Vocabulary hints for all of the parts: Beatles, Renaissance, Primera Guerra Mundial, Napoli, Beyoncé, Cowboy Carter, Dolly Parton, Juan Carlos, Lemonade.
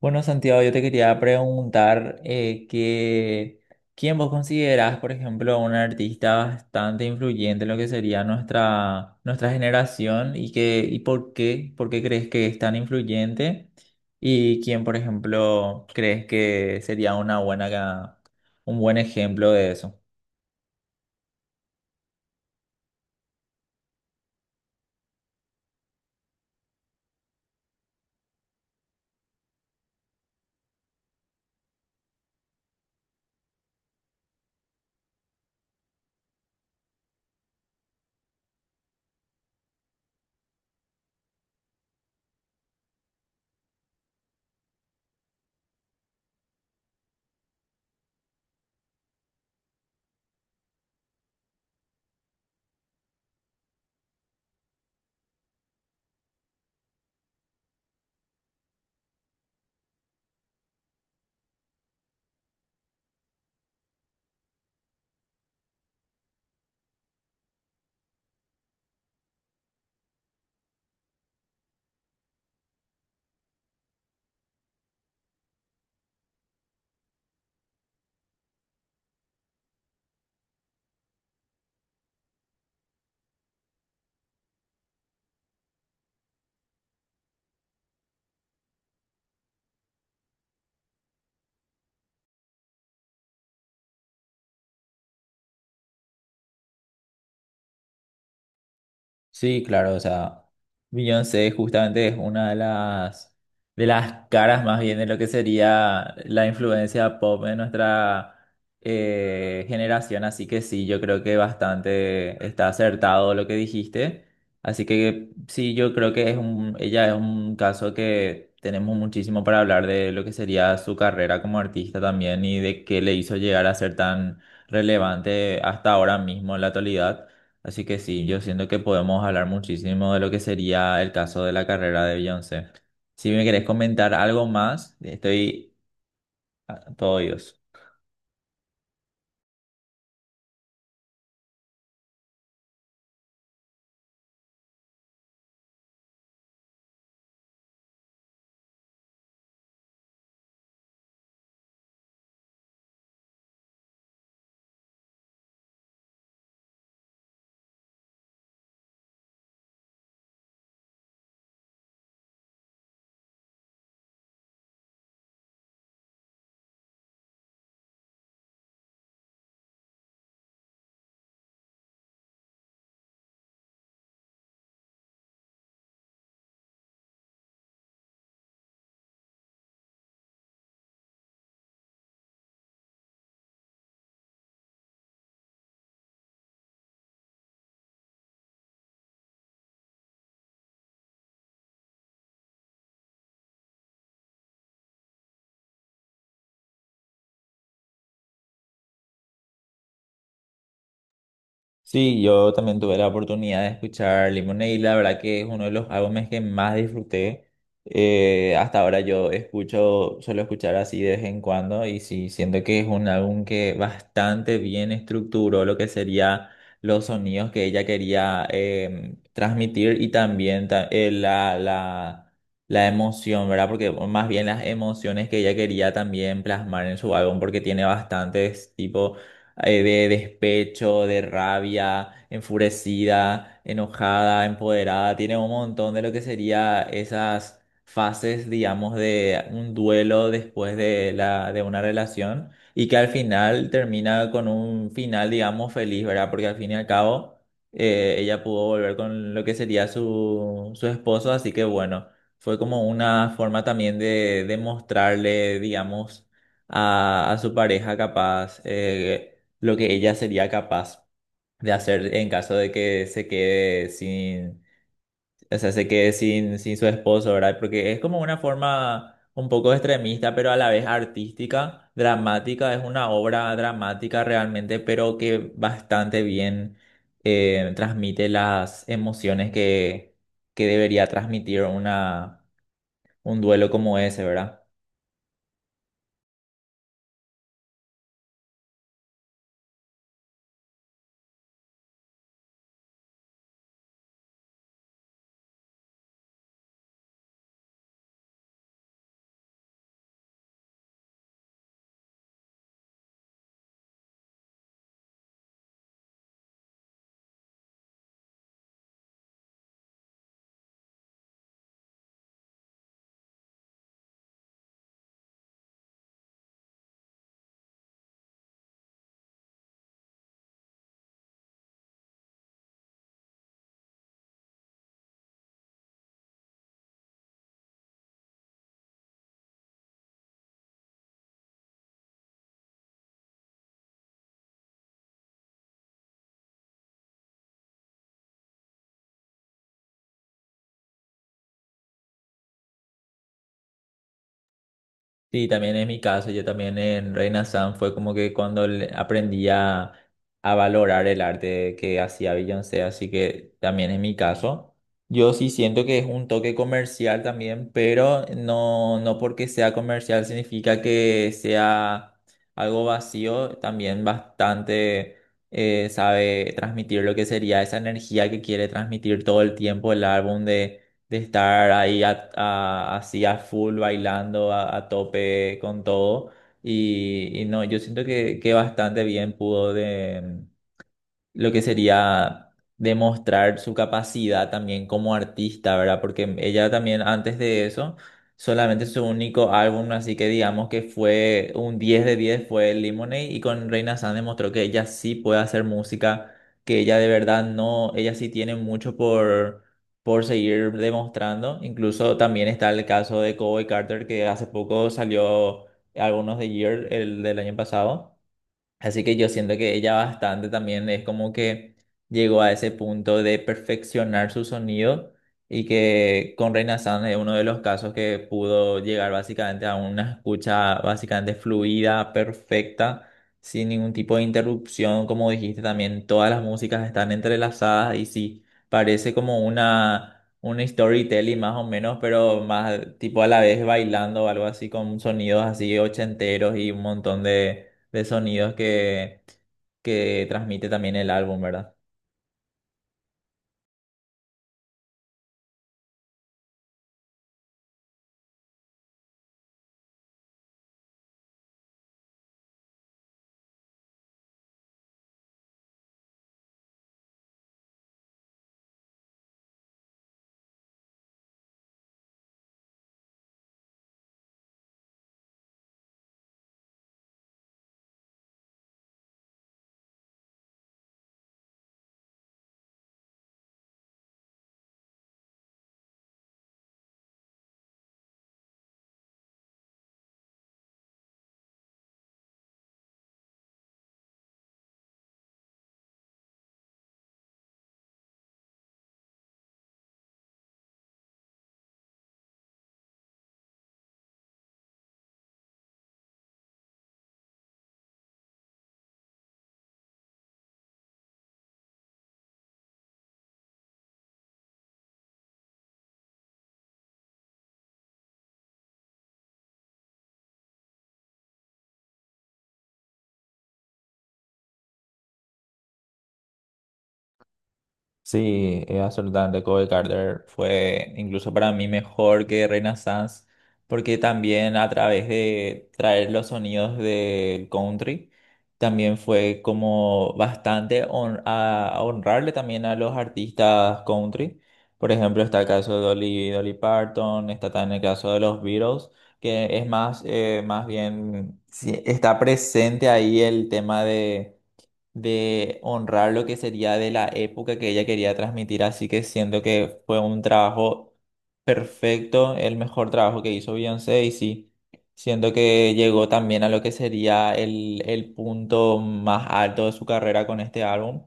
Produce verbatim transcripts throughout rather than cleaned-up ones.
Bueno, Santiago, yo te quería preguntar eh, que, ¿quién vos considerás, por ejemplo, un artista bastante influyente en lo que sería nuestra, nuestra generación y, que, y por qué, por qué crees que es tan influyente? ¿Y quién, por ejemplo, crees que sería una buena, ca- un buen ejemplo de eso? Sí, claro, o sea, Beyoncé justamente es una de las, de las caras más bien de lo que sería la influencia pop en nuestra eh, generación, así que sí, yo creo que bastante está acertado lo que dijiste, así que sí, yo creo que es un, ella es un caso que tenemos muchísimo para hablar de lo que sería su carrera como artista también y de qué le hizo llegar a ser tan relevante hasta ahora mismo en la actualidad. Así que sí, yo siento que podemos hablar muchísimo de lo que sería el caso de la carrera de Beyoncé. Si me querés comentar algo más, estoy a todo oídos. Sí, yo también tuve la oportunidad de escuchar Lemonade, y la verdad que es uno de los álbumes que más disfruté. Eh, hasta ahora yo escucho, suelo escuchar así de vez en cuando y sí, siento que es un álbum que bastante bien estructuró lo que sería los sonidos que ella quería em, transmitir y también ta- eh, la, la, la emoción, ¿verdad? Porque o más bien las emociones que ella quería también plasmar en su álbum porque tiene bastantes tipos eh, de despecho, de rabia, enfurecida, enojada, empoderada. Tiene un montón de lo que sería esas fases, digamos, de un duelo después de la, de una relación y que al final termina con un final, digamos, feliz, ¿verdad? Porque al fin y al cabo eh, ella pudo volver con lo que sería su, su esposo, así que bueno, fue como una forma también de, de mostrarle, digamos, a, a su pareja capaz. Eh, lo que ella sería capaz de hacer en caso de que se quede sin, o sea, se quede sin, sin su esposo, ¿verdad? Porque es como una forma un poco extremista, pero a la vez artística, dramática, es una obra dramática realmente, pero que bastante bien eh, transmite las emociones que, que debería transmitir una, un duelo como ese, ¿verdad? Sí, también es mi caso. Yo también en Reina San fue como que cuando le- aprendí a, a valorar el arte que hacía Beyoncé, así que también es mi caso. Yo sí siento que es un toque comercial también, pero no, no porque sea comercial significa que sea algo vacío. También bastante eh, sabe transmitir lo que sería esa energía que quiere transmitir todo el tiempo el álbum de estar ahí a- a- así a full bailando a, a tope con todo. Y, y no, yo siento que, que bastante bien pudo de, lo que sería demostrar su capacidad también como artista, ¿verdad? Porque ella también antes de eso, solamente su único álbum, así que digamos que fue un diez de diez fue Lemonade y con Reina San demostró que ella sí puede hacer música, que ella de verdad no, ella sí tiene mucho por... por seguir demostrando. Incluso también está el caso de Cowboy Carter, que hace poco salió algunos de Year, el del año pasado. Así que yo siento que ella bastante también es como que llegó a ese punto de perfeccionar su sonido y que con Reina San es uno de los casos que pudo llegar básicamente a una escucha básicamente fluida, perfecta, sin ningún tipo de interrupción. Como dijiste también, todas las músicas están entrelazadas y sí, parece como una, un storytelling más o menos, pero más tipo a la vez bailando o algo así con sonidos así ochenteros y un montón de de sonidos que, que transmite también el álbum, ¿verdad? Sí, eh, absolutamente. Cowboy Carter fue incluso para mí mejor que Reina Renaissance, porque también a través de traer los sonidos del country, también fue como bastante hon- a, a honrarle también a los artistas country. Por ejemplo, está el caso de Dolly, Dolly Parton, está también el caso de los Beatles, que es más, eh, más bien, sí, está presente ahí el tema de de honrar lo que sería de la época que ella quería transmitir, así que siento que fue un trabajo perfecto, el mejor trabajo que hizo Beyoncé y sí, siento que llegó también a lo que sería el, el punto más alto de su carrera con este álbum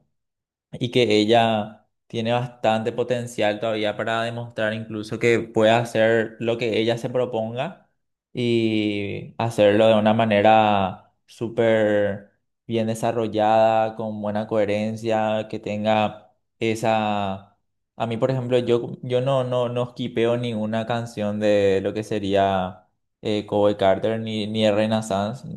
y que ella tiene bastante potencial todavía para demostrar incluso que puede hacer lo que ella se proponga y hacerlo de una manera súper bien desarrollada, con buena coherencia, que tenga esa... A mí, por ejemplo, yo, yo no, no, no skipeo ninguna canción de lo que sería eh, Cowboy Carter ni, ni de Renaissance.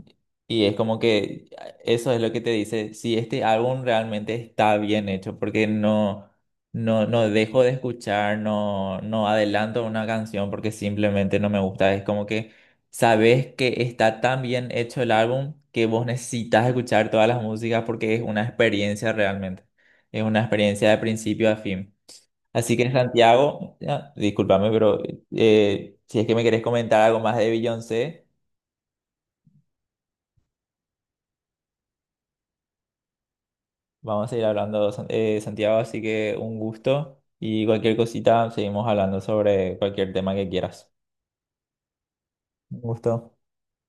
Y es como que eso es lo que te dice, si este álbum realmente está bien hecho, porque no, no, no dejo de escuchar, no, no adelanto una canción porque simplemente no me gusta. Es como que sabes que está tan bien hecho el álbum que vos necesitas escuchar todas las músicas porque es una experiencia realmente. Es una experiencia de principio a fin. Así que Santiago, ya, discúlpame, pero eh, si es que me querés comentar algo más de Beyoncé. Vamos a ir hablando, San- eh, Santiago, así que un gusto y cualquier cosita seguimos hablando sobre cualquier tema que quieras. Un gusto.